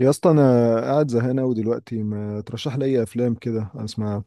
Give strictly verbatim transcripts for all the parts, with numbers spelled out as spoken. يا اسطى، انا قاعد زهقان قوي دلوقتي. ما ترشح لي اي افلام كده اسمعها؟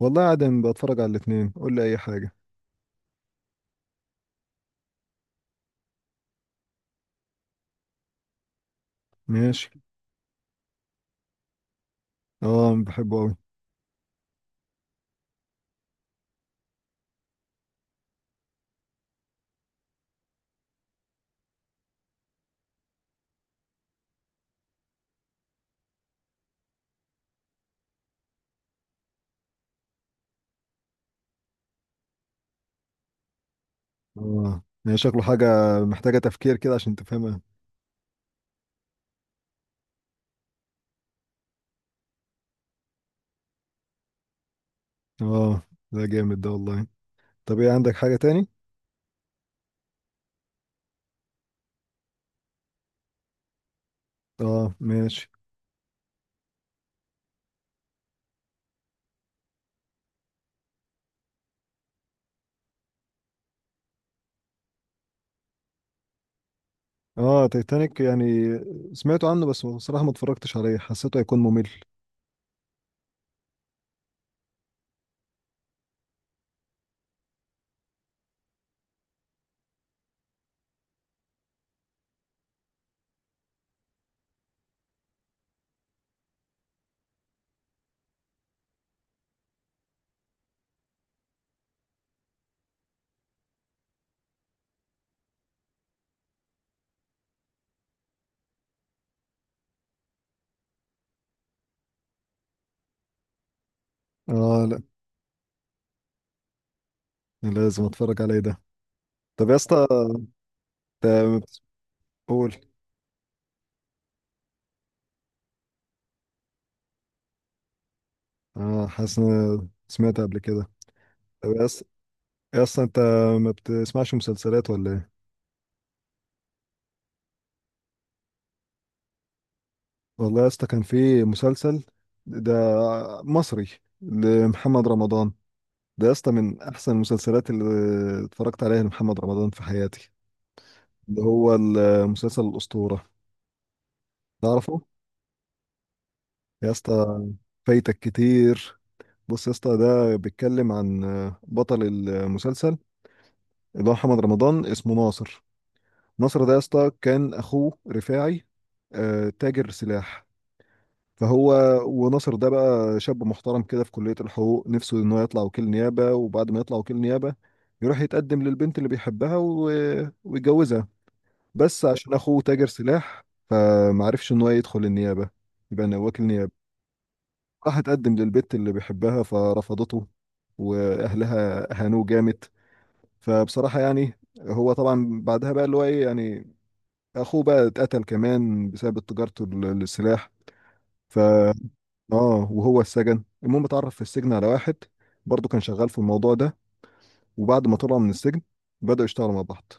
والله قاعد بتفرج على الاتنين. قول لي اي حاجه. ماشي. اه، بحبه قوي. اه يعني شكله حاجه محتاجه تفكير كده عشان تفهمها. اه، ده جامد ده والله. طب ايه، عندك حاجه تاني؟ اه، ماشي. اه، تايتانيك يعني؟ سمعت عنه بس بصراحه ما اتفرجتش عليه. حسيته هيكون ممل. اه لا، لازم اتفرج عليه ده. طب يا اسطى، انت بتقول. اه، حاسس إن أنا سمعت قبل كده. طب يا اسطى، يا اسطى انت ما بتسمعش مسلسلات ولا ايه؟ والله يا اسطى كان في مسلسل. ده مصري لمحمد رمضان. ده يا اسطى من احسن المسلسلات اللي اتفرجت عليها لمحمد رمضان في حياتي. اللي هو المسلسل الأسطورة. تعرفه؟ يا اسطى، فايتك كتير. بص يا اسطى، ده بيتكلم عن بطل المسلسل اللي هو محمد رمضان اسمه ناصر. ناصر ده يا اسطى كان اخوه رفاعي آه، تاجر سلاح. فهو، وناصر ده بقى شاب محترم كده في كلية الحقوق، نفسه ان هو يطلع وكيل نيابة. وبعد ما يطلع وكيل نيابة يروح يتقدم للبنت اللي بيحبها و... ويتجوزها. بس عشان اخوه تاجر سلاح فمعرفش ان هو يدخل النيابة. يبقى أنا وكيل نيابة. راح اتقدم للبنت اللي بيحبها فرفضته، واهلها هانوه جامد. فبصراحة يعني هو طبعا بعدها بقى اللي هو ايه يعني، اخوه بقى اتقتل كمان بسبب تجارته للسلاح. ف اه وهو السجن. المهم اتعرف في السجن على واحد برضه كان شغال في الموضوع ده. وبعد ما طلع من السجن بدأوا يشتغلوا مع بعض.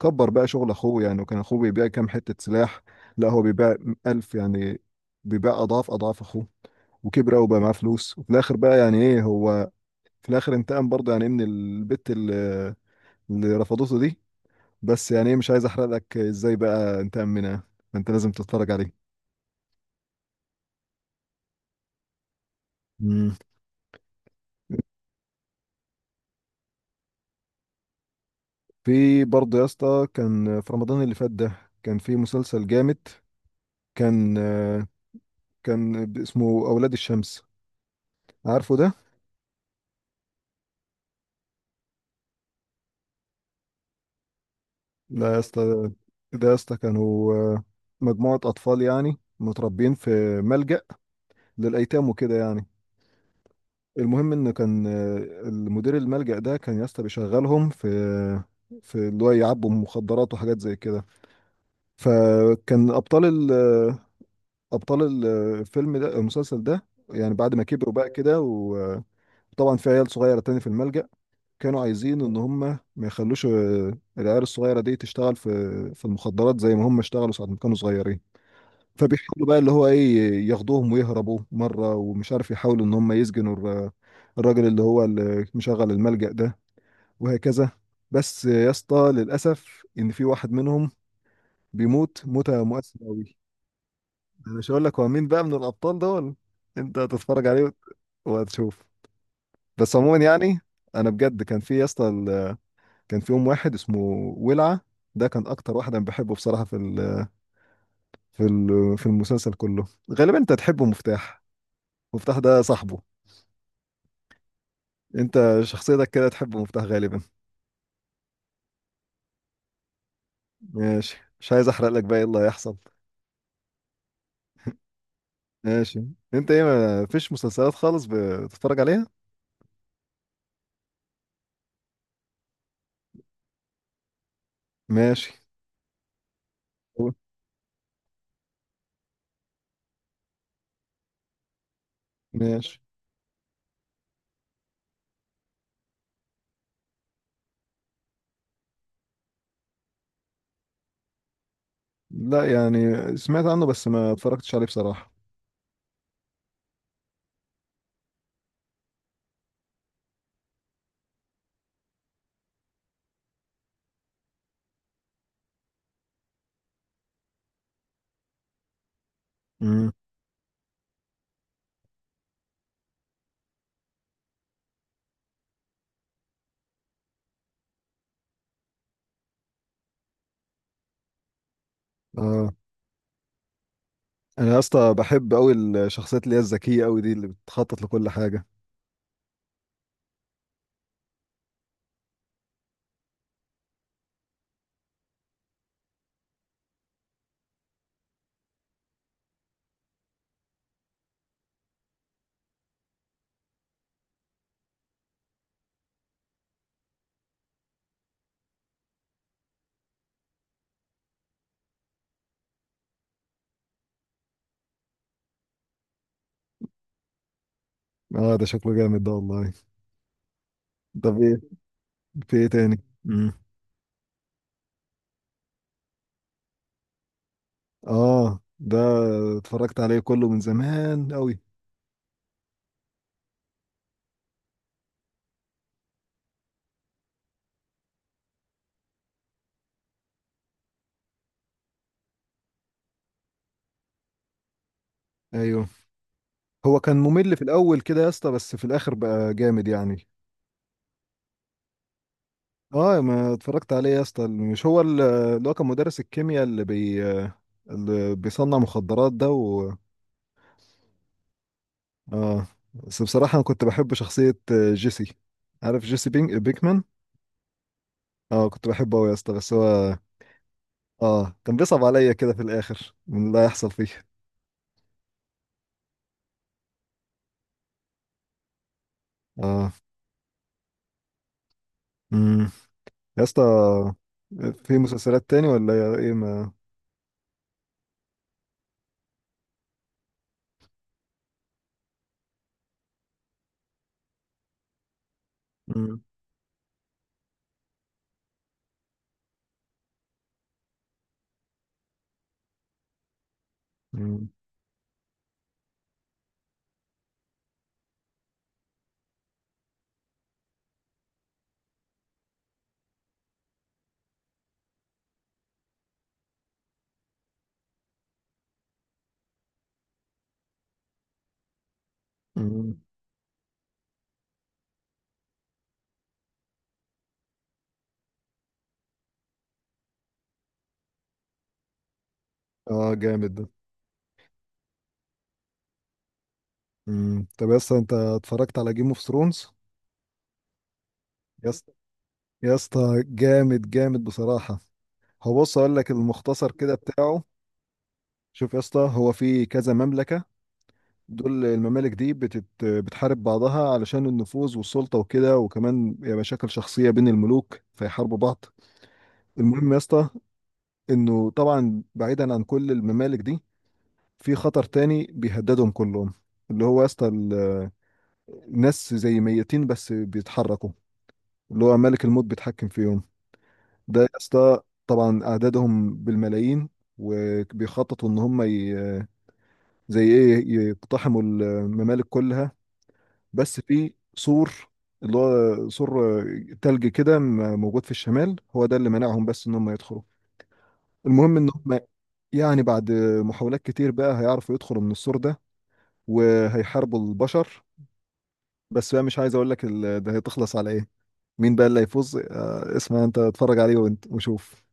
كبر بقى شغل اخوه يعني، وكان اخوه بيبيع كام حتة سلاح. لا، هو بيبيع ألف يعني، بيبيع أضعاف أضعاف أخوه. وكبر أوي وبقى معاه فلوس، وفي الآخر بقى يعني إيه هو. في الآخر انتقم برضه يعني من البت اللي اللي رفضته دي. بس يعني إيه، مش عايز أحرق لك إزاي بقى انتقم منها. فأنت لازم تتفرج عليه. مم. في برضه يا اسطى، كان في رمضان اللي فات ده كان في مسلسل جامد. كان آه، كان اسمه أولاد الشمس. عارفه ده؟ ده يا اسطى ده يا اسطى كانوا آه، مجموعة أطفال يعني، متربيين في ملجأ للأيتام وكده يعني. المهم إن كان، آه، المدير الملجأ ده كان يا اسطى بيشغلهم في في اللي هو يعبوا مخدرات وحاجات زي كده. فكان أبطال ال- أبطال الفيلم ده المسلسل ده يعني بعد ما كبروا بقى كده. طبعا في عيال صغيرة تاني في الملجأ، كانوا عايزين إن هم ما يخلوش آه، العيال الصغيرة دي تشتغل في في المخدرات زي ما هم اشتغلوا ساعة ما كانوا صغيرين. فبيحاولوا بقى اللي هو إيه، ياخدوهم ويهربوا مرة، ومش عارف يحاولوا إن هم يسجنوا الر- الراجل اللي هو اللي مشغل الملجأ ده وهكذا. بس يا اسطى، للأسف إن في واحد منهم بيموت موتة مؤثرة أوي. أنا مش هقول لك هو مين بقى من الأبطال دول. أنت هتتفرج عليه وهتشوف. بس عموما يعني، انا بجد كان في يا اسطى، كان في يوم واحد اسمه ولعة. ده كان اكتر واحد انا بحبه بصراحة في ال في ال في المسلسل كله. غالبا انت تحبه مفتاح. مفتاح ده صاحبه. انت شخصيتك كده تحبه مفتاح غالبا. ماشي، مش عايز احرق لك بقى ايه اللي هيحصل. ماشي. انت ايه، ما فيش مسلسلات خالص بتتفرج عليها؟ ماشي، قول. ماشي. لا يعني، سمعت عنه بس ما اتفرجتش عليه بصراحة. امم اه انا يا اسطى بحب قوي الشخصيات اللي هي الذكية قوي دي اللي بتخطط لكل حاجة. اه، ده شكله جامد ده والله. طب ايه، في ايه تاني؟ مم. اه، ده اتفرجت عليه كله من زمان قوي. ايوه، هو كان ممل في الاول كده يا اسطى، بس في الاخر بقى جامد يعني. اه، ما اتفرجت عليه يا اسطى. مش هو ال- اللي هو كان مدرس الكيمياء اللي بي اللي بيصنع مخدرات ده و... اه، بس بصراحة انا كنت بحب شخصية جيسي. عارف جيسي بينج بيكمان؟ اه، كنت بحبه قوي يا اسطى. بس هو اه كان بيصعب عليا كده في الاخر من اللي هيحصل فيه. اه يا اسطى، في مسلسلات تاني ولا يا ايه ما؟ مم. مم. مم. اه، جامد ده. مم. طب يا اسطى، انت اتفرجت على جيم اوف ثرونز؟ يا اسطى، يا اسطى، جامد جامد بصراحة. هو بص اقول لك المختصر كده بتاعه. شوف يا اسطى، هو في كذا مملكة. دول الممالك دي بتت... بتحارب بعضها علشان النفوذ والسلطة وكده، وكمان يا مشاكل شخصية بين الملوك، فيحاربوا بعض. المهم يا اسطى، انه طبعا بعيدا عن كل الممالك دي، في خطر تاني بيهددهم كلهم. اللي هو يا اسطى ال- الناس زي ميتين بس بيتحركوا. اللي هو ملك الموت بيتحكم فيهم. ده يا اسطى، طبعا اعدادهم بالملايين. وبيخططوا ان هم ي... زي ايه يقتحموا الممالك كلها. بس في سور. اللي هو سور تلج كده م- موجود في الشمال. هو ده اللي منعهم بس ان هم يدخلوا. المهم ان هم، يعني بعد محاولات كتير بقى هيعرفوا يدخلوا من السور ده وهيحاربوا البشر. بس بقى مش عايز اقول لك ال- ده هتخلص على ايه، مين بقى اللي هيفوز. آه، اسمع انت اتفرج عليه وانت وشوف.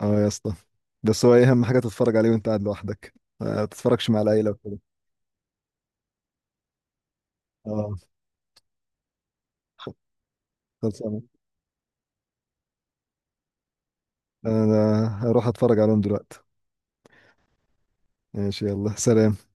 اه يا اسطى، بس هو ايه، اهم حاجه تتفرج عليه وانت قاعد لوحدك. آه، ما تتفرجش مع العيله وكده. اه، خلصانه. آه، انا هروح اتفرج عليهم دلوقتي. ماشي، يلا سلام.